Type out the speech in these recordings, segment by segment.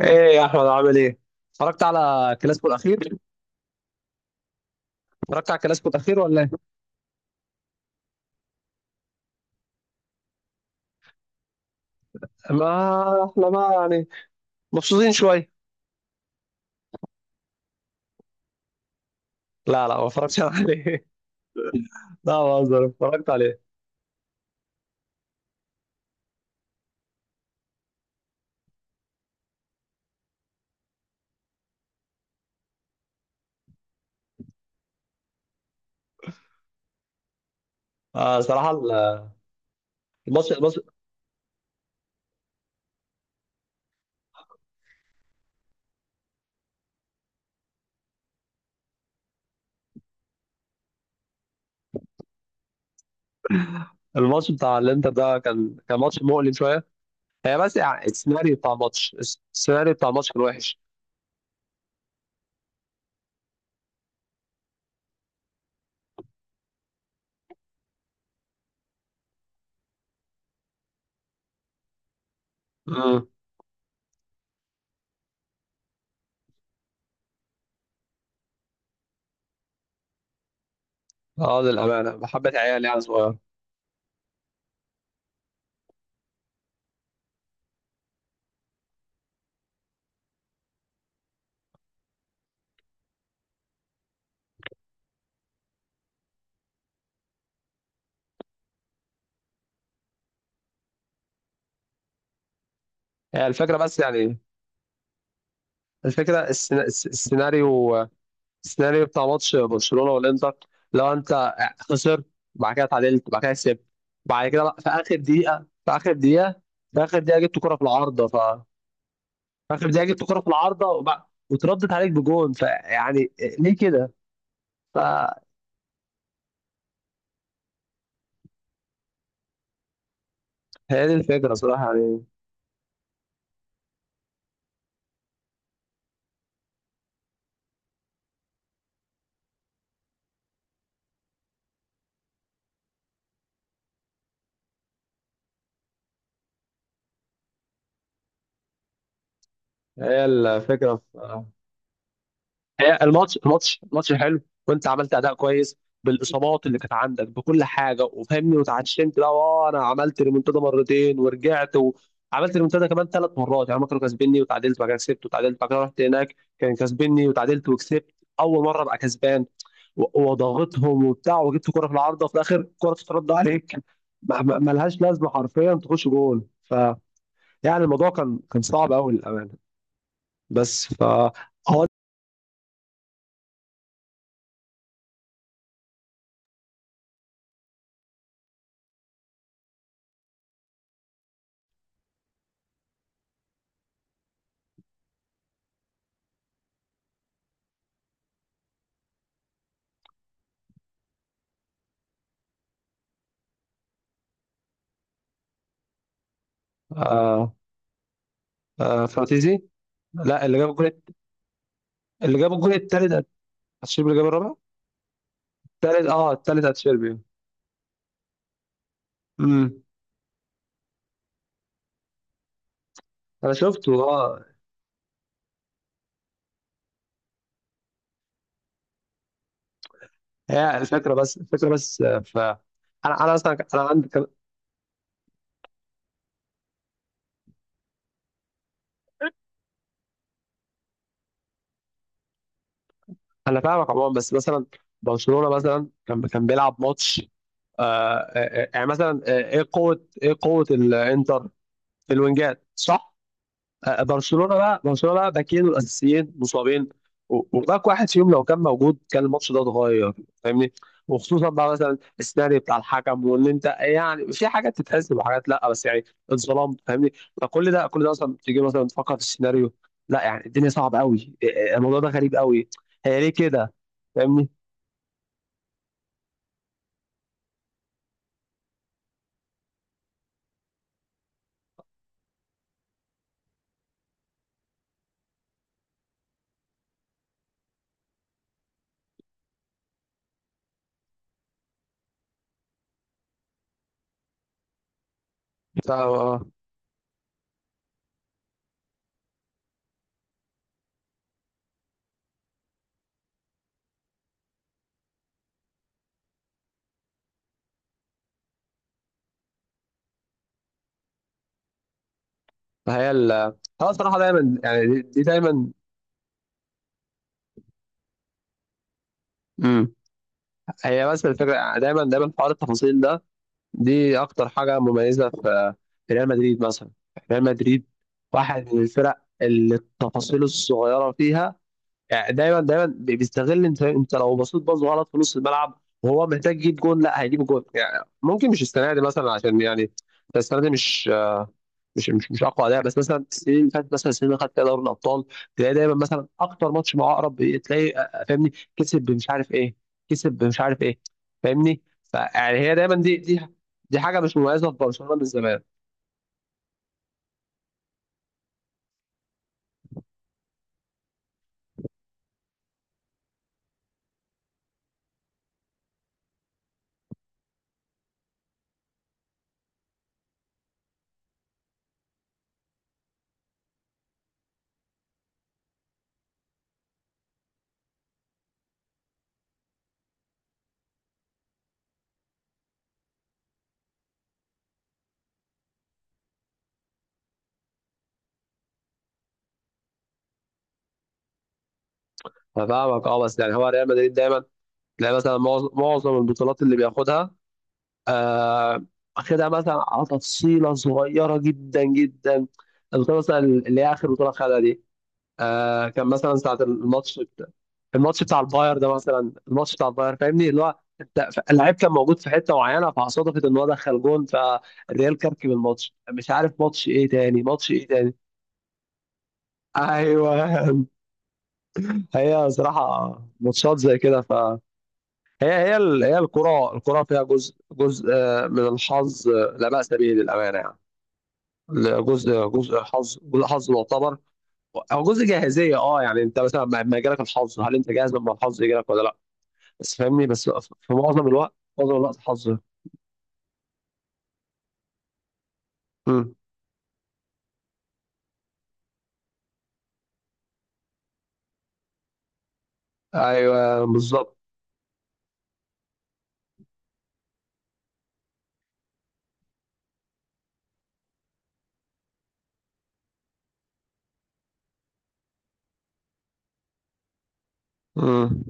ايه يا احمد، عامل ايه؟ اتفرجت على الكلاسيكو الاخير؟ اتفرجت على الكلاسيكو الاخير ولا ايه؟ ما احنا بقى يعني مبسوطين شويه. لا لا، ما اتفرجتش عليه. لا، بهزر اتفرجت عليه. آه، صراحه الماتش الماتش الماتش بتاع الانتر ده كان ماتش مؤلم شويه. هي بس يعني السيناريو بتاع الماتش، السيناريو بتاع الماتش كان وحش. امم اه، للامانه بحبه عيال يعني صغير. هي الفكره بس يعني الفكره، السيناريو السيناريو بتاع ماتش برشلونه والانتر. لو انت خسرت، بعد كده اتعادلت، بعد كده كسبت، بعد كده بقى في اخر دقيقه، في اخر دقيقه جبت كره في العارضه. في اخر دقيقه جبت كره في العارضه، وبقى وتردت عليك بجون فيعني ليه كده؟ فهي دي الفكره صراحه يعني. هي الفكره، هي الماتش حلو، وانت عملت اداء كويس بالاصابات اللي كانت عندك بكل حاجه وفهمني وتعشمت. لا، اه انا عملت ريمونتادا مرتين ورجعت وعملت ريمونتادا كمان 3 مرات يعني. هما كانوا كاسبيني وتعادلت بعد كده كسبت، وتعادلت بعد كده رحت هناك كان كاسبيني وتعادلت وكسبت. اول مره ابقى كسبان وضغطهم وبتاع وجبت كوره في العارضه، وفي الاخر الكوره تترد عليك. ملهاش لازمه، حرفيا تخش جول. يعني الموضوع كان صعب قوي للامانه. بس ف اه آه، فراتيزي لا، اللي جاب الجول، اللي جاب الجول التالت اتشيربي، اللي جاب الرابع. التالت اتشيربي. امم انا شفته اه. هي الفكره بس الفكره بس، آه، ف انا، انا اصلا انا عندي كان... انا فاهمك عموما، بس مثلا برشلونه مثلا كان بيلعب ماتش. آه آه، يعني مثلا، ايه قوه، الانتر في الوينجات، صح؟ برشلونه بقى باكين الاساسيين مصابين. وباك واحد فيهم لو كان موجود كان الماتش ده اتغير، فاهمني. وخصوصا بقى مثلا السيناريو بتاع الحكم، وان انت يعني في حاجات تتحسب وحاجات لا، بس يعني اتظلمت، فاهمني. فكل ده، كل ده اصلا تيجي مثلا تفكر في السيناريو، لا يعني الدنيا صعبه قوي، الموضوع ده غريب قوي. هي ليه كده، فاهمني. ف- آه، فهي ال، هو الصراحه دايما يعني، دي دايما. مم. هي بس الفكره يعني، دايما حوار التفاصيل ده، دي اكتر حاجه مميزه في، في ريال مدريد مثلا. ريال مدريد واحد من الفرق اللي التفاصيل الصغيره فيها، يعني دايما بيستغل. انت لو بصيت باظ غلط في نص الملعب وهو محتاج يجيب جون، لا هيجيب جون يعني. ممكن مش السنه دي مثلا عشان يعني، السنه دي مش اقوى اداء، بس مثلا السنين اللي فاتت، مثلا السنين اللي خدت فيها دوري الابطال، تلاقي دايما مثلا اكتر ماتش مع اقرب إيه، تلاقي فاهمني كسب بمش عارف ايه، كسب بمش عارف ايه، فاهمني فيعني، هي دايما، دي دي حاجه مش مميزه في برشلونه من زمان. انا فاهمك اه، بس يعني هو ريال مدريد دايما تلاقي مثلا معظم البطولات اللي بياخدها، آه، واخدها مثلا على تفصيله صغيره جدا جدا. البطوله مثلا اللي هي اخر بطوله خدها دي، آه كان مثلا ساعة الماتش بتاع، الماتش بتاع الباير ده مثلا، الماتش بتاع الباير فاهمني، اللي هو انت اللعيب كان موجود في حتة معينة، فصادفت ان هو دخل جون فالريال كركب الماتش، مش عارف ماتش ايه تاني، ماتش ايه تاني. ايوه. هي صراحة ماتشات زي كده ف، هي هي الكرة، الكرة فيها جزء، جزء من الحظ، آه، لا بأس به للأمانة يعني. جزء حظ، جزء حظ معتبر، او جزء جاهزيه. اه يعني انت مثلا لما يجيلك الحظ، هل انت جاهز لما الحظ يجيلك ولا لا؟ بس فاهمني بس، في معظم الوقت، معظم الوقت حظ. مم. ايوه بالظبط. مم.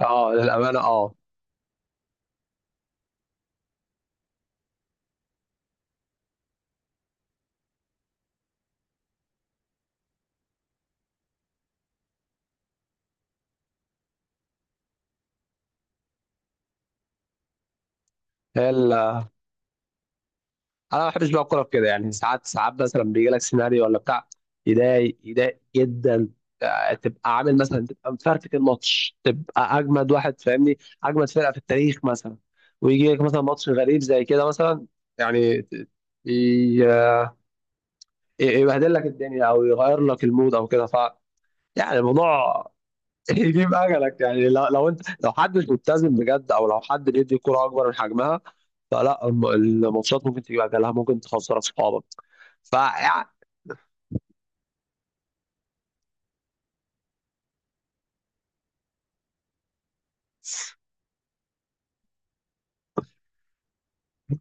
اه للامانه اه. هي ال، انا ما بحبش بقى الكوره في كده يعني. ساعات مثلا بيجي لك سيناريو ولا بتاع، يضايق، يضايق جدا. آه، تبقى عامل مثلا، تبقى مفرتك الماتش، تبقى اجمد واحد فاهمني، اجمد فرقه في التاريخ مثلا، ويجي لك مثلا ماتش غريب زي كده مثلا، يعني ي- يبهدل لك الدنيا او يغير لك المود او كده ف، يعني الموضوع. يجيب اجلك يعني. لو انت، لو حد مش ملتزم بجد، او لو حد بيدي كرة اكبر من حجمها، فلا الماتشات ممكن تجيب اجلها، ممكن تخسر اصحابك. ف يعني،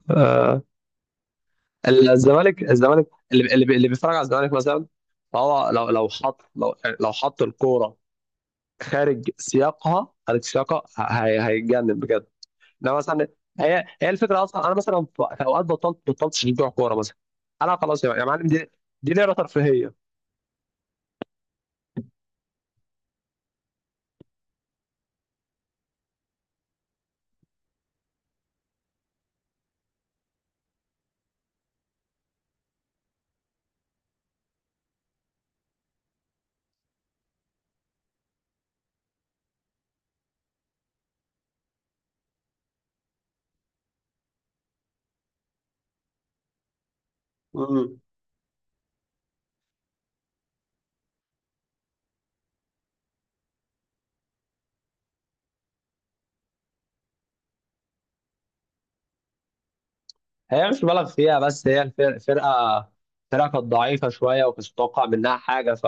آه، الزمالك اللي بيتفرج على الزمالك مثلا، فهو لو، لو حط، لو حط الكوره خارج سياقها، خارج سياقها هيتجنن بجد. ده مثلا، هي هي الفكره اصلا. انا مثلا في، في اوقات بطلت اشجع كوره مثلا. انا خلاص يا معلم، دي دي لعبه ترفيهيه. مم. هي مش مبالغ فيها، بس هي الفرقة، فرقة، فرقة كانت ضعيفة شوية ومش متوقع منها حاجة ف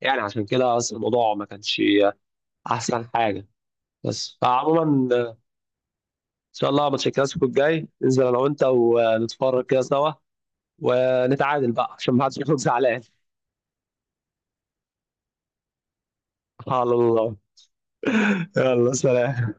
يعني، عشان كده بس الموضوع ما كانش أحسن حاجة. بس فعموما، إن شاء الله ماتش الكلاسيكو الجاي ننزل أنا وأنت ونتفرج كده سوا، ونتعادل بقى عشان ما حدش يكون زعلان. على الله. يلا، سلام